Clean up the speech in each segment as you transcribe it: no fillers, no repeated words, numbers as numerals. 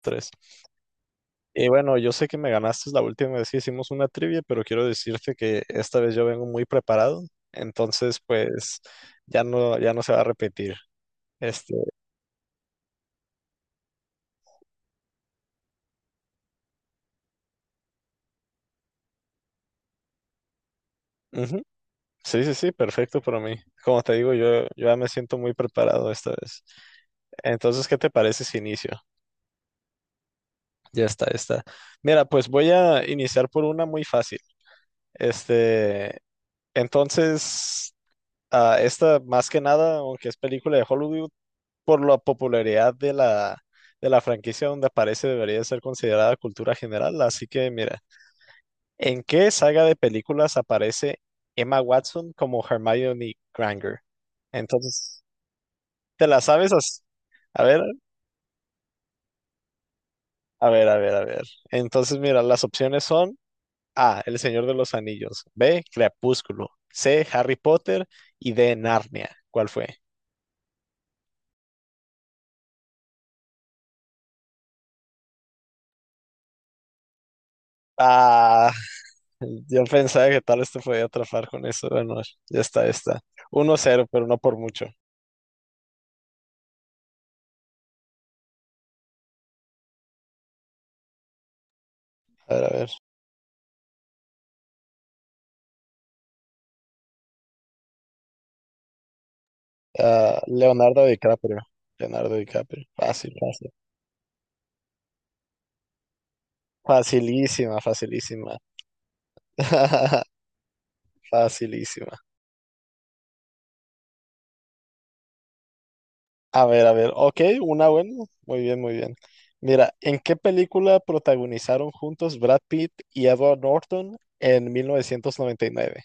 Tres. Y bueno, yo sé que me ganaste la última vez que hicimos una trivia, pero quiero decirte que esta vez yo vengo muy preparado, entonces pues ya no, ya no se va a repetir. Este, Ujú. Sí, sí, sí, perfecto para mí. Como te digo, yo ya me siento muy preparado esta vez. Entonces, ¿qué te parece si inicio? Ya está, ya está. Mira, pues voy a iniciar por una muy fácil. Este, entonces, esta más que nada, aunque es película de Hollywood, por la popularidad de la franquicia donde aparece, debería ser considerada cultura general. Así que mira, ¿en qué saga de películas aparece Emma Watson como Hermione Granger? Entonces, ¿te la sabes? A ver, a ver, a ver, a ver. Entonces, mira, las opciones son A, El Señor de los Anillos, B, Crepúsculo, C, Harry Potter y D, Narnia. ¿Cuál fue? Ah, yo pensaba que tal vez te podía atrapar con eso. Bueno, ya está, ya está. 1-0, pero no por mucho. A ver, a ver. Ah, Leonardo DiCaprio. Leonardo DiCaprio. Fácil, fácil. Facilísima, facilísima. Facilísima. A ver, a ver. Ok, una buena. Muy bien, muy bien. Mira, ¿en qué película protagonizaron juntos Brad Pitt y Edward Norton en 1999?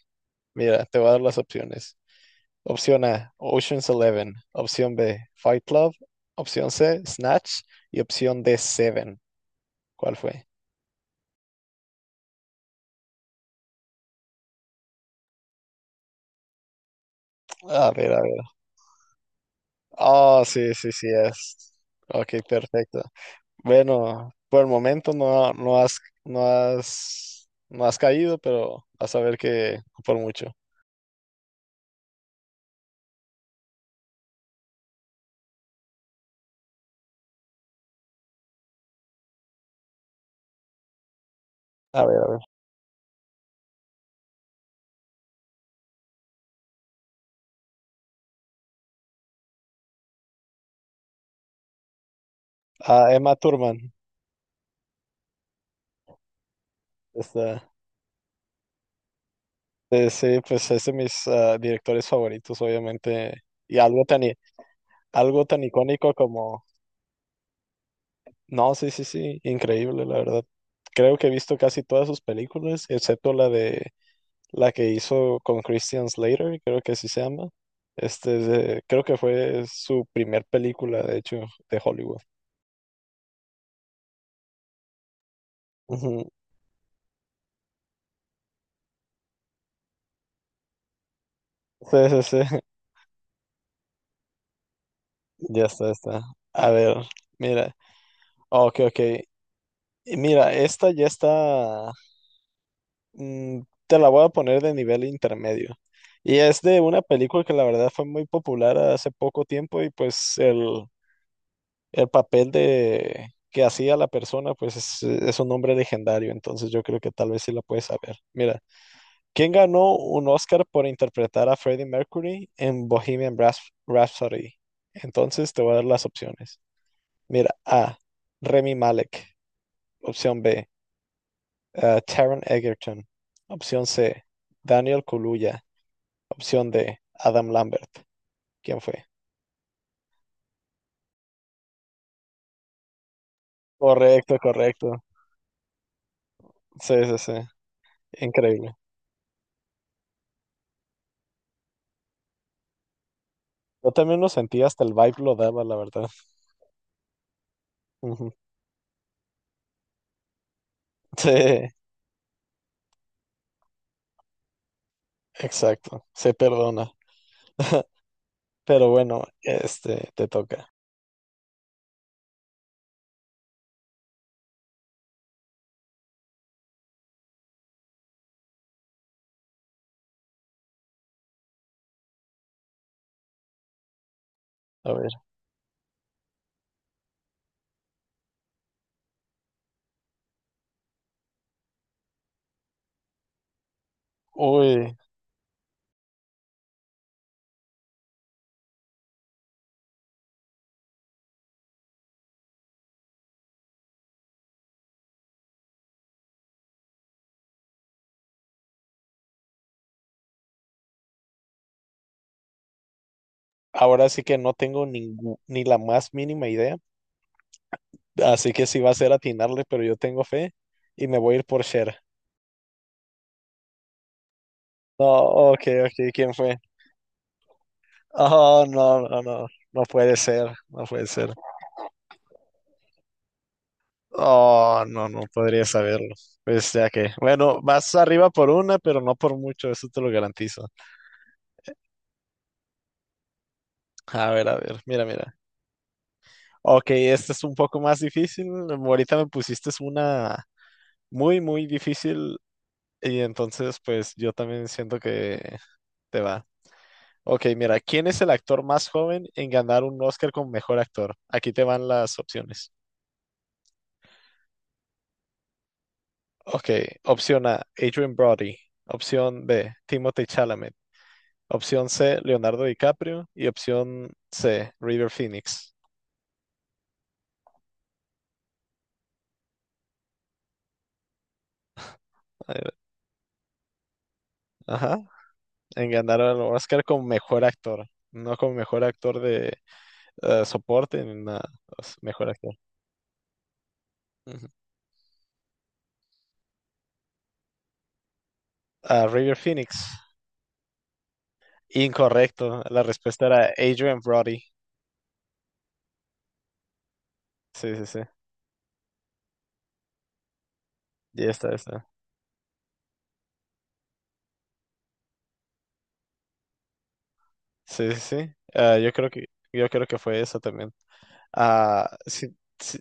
Mira, te voy a dar las opciones. Opción A, Ocean's Eleven. Opción B, Fight Club. Opción C, Snatch. Y opción D, Seven. ¿Cuál fue? A ver, a ver. Ah, sí, sí, sí es. Ok, perfecto. Bueno, por el momento no, no has caído, pero vas a ver que no por mucho. A ver, a ver. Ah, Emma Thurman. Esta, sí, pues es de mis directores favoritos, obviamente. Y algo tan icónico como. No, sí, sí, sí, increíble, la verdad. Creo que he visto casi todas sus películas, excepto la de la que hizo con Christian Slater, creo que así se llama. Creo que fue su primer película, de hecho, de Hollywood. Ujú. Sí, sí, sí. Ya está, ya está. A ver, mira. Oh, ok, ok. Y mira, esta ya está. mm, te la voy a poner de nivel intermedio. Y es de una película que la verdad fue muy popular hace poco tiempo y pues el papel de que hacía la persona, pues es un hombre legendario, entonces yo creo que tal vez sí la puedes saber. Mira, ¿quién ganó un Oscar por interpretar a Freddie Mercury en Bohemian Rhapsody? Entonces te voy a dar las opciones. Mira, A, Remy Malek, opción B, Taron Egerton, opción C, Daniel Kaluuya, opción D, Adam Lambert. ¿Quién fue? Correcto, correcto. Sí, sí, sí. Increíble. Yo también lo sentí, hasta el vibe lo daba, la verdad. Ujú. Sí, exacto, se perdona. Pero bueno, te toca. A ver. Uy, ahora sí que no tengo ni la más mínima idea, así que sí va a ser atinarle, pero yo tengo fe y me voy a ir por Cher. No, ok, ok, ¿quién fue? Oh, no, no, no, no puede ser, no puede ser. Oh, no, no podría saberlo. Pues ya que, bueno, vas arriba por una, pero no por mucho, eso te lo garantizo. A ver, mira, mira. Ok, esta es un poco más difícil. Ahorita me pusiste una muy, muy difícil y entonces pues yo también siento que te va. Ok, mira, ¿quién es el actor más joven en ganar un Oscar como mejor actor? Aquí te van las opciones. Ok, opción A, Adrian Brody. Opción B, Timothée Chalamet. Opción C, Leonardo DiCaprio. Y opción C, River Phoenix. Eh, Ajá, en ganar el Oscar como mejor actor, no como mejor actor de soporte en una mejor actor. Ujú. Ah, River Phoenix. Incorrecto. La respuesta era Adrian Brody. Sí, sí, sí. Ya está, ya está. Sí, sí, sí. Ah, yo creo que fue eso también. Ah, sí, sí,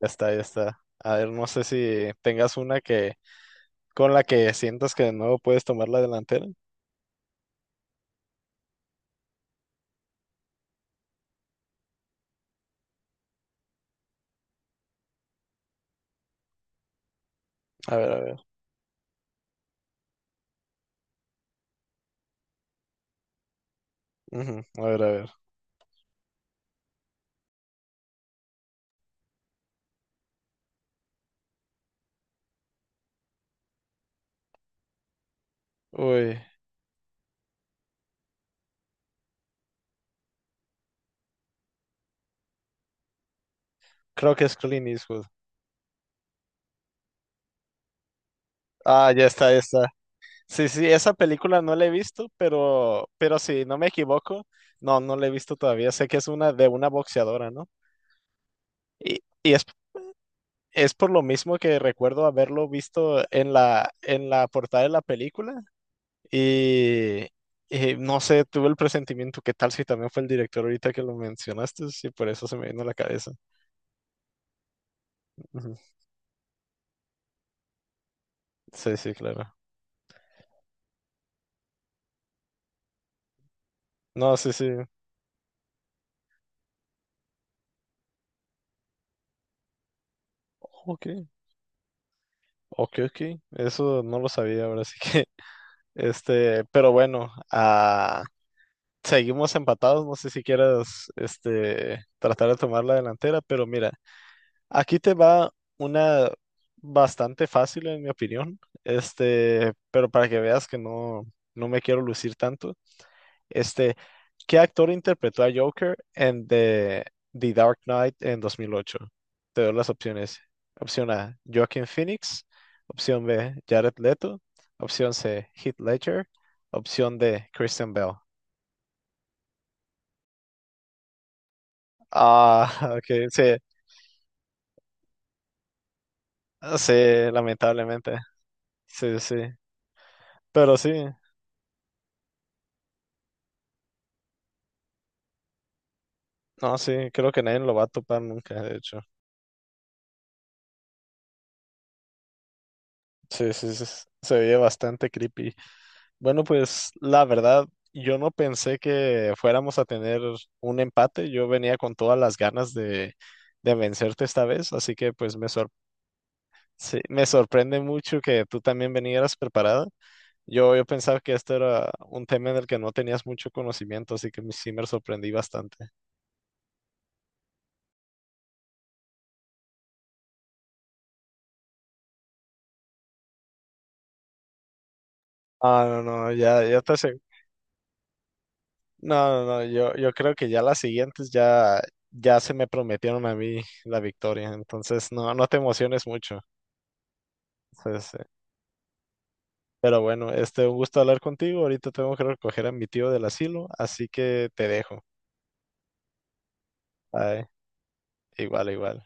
ya está, ya está. A ver, no sé si tengas una que con la que sientas que de nuevo puedes tomar la delantera. A ver, a ver. Ujú, a ver, a ver. Uy, creo que es Clint Eastwood. Ah, ya está, ya está. Sí, sí, esa película no la he visto, pero si no me equivoco, no, no la he visto todavía. Sé que es una de una boxeadora, ¿no? Y es por lo mismo que recuerdo haberlo visto en la, portada de la película. Y, y no sé, tuve el presentimiento, ¿qué tal si también fue el director ahorita que lo mencionaste? Sí, por eso se me vino a la cabeza. Ujú. Sí, sí, claro. No, sí, sí. Ok, ok, ok. Eso no lo sabía ahora, sí que. Pero bueno, seguimos empatados, no sé si quieras tratar de tomar la delantera, pero mira, aquí te va una bastante fácil en mi opinión, pero para que veas que no, no me quiero lucir tanto, este, ¿qué actor interpretó a Joker en The Dark Knight en 2008? Te doy las opciones. Opción A, Joaquin Phoenix, opción B, Jared Leto, opción C, Heath Ledger, opción D, Christian Bale. Ah, ok, sí, sí, lamentablemente. Sí, sí. Pero sí, no, sí, creo que nadie lo va a topar nunca, de hecho. Sí, sí, sí, se veía bastante creepy. Bueno, pues la verdad, yo no pensé que fuéramos a tener un empate. Yo venía con todas las ganas de vencerte esta vez, así que pues sí, me sorprende mucho que tú también vinieras preparada. Yo pensaba que este era un tema en el que no tenías mucho conocimiento, así que sí me sorprendí bastante. Ah, no, no, no, no, no, yo creo que ya las siguientes ya se me prometieron a mí la victoria, entonces no, no te emociones mucho. Entonces, pero bueno, un gusto hablar contigo. Ahorita tengo que recoger a mi tío del asilo, así que te dejo. Ay, igual, igual.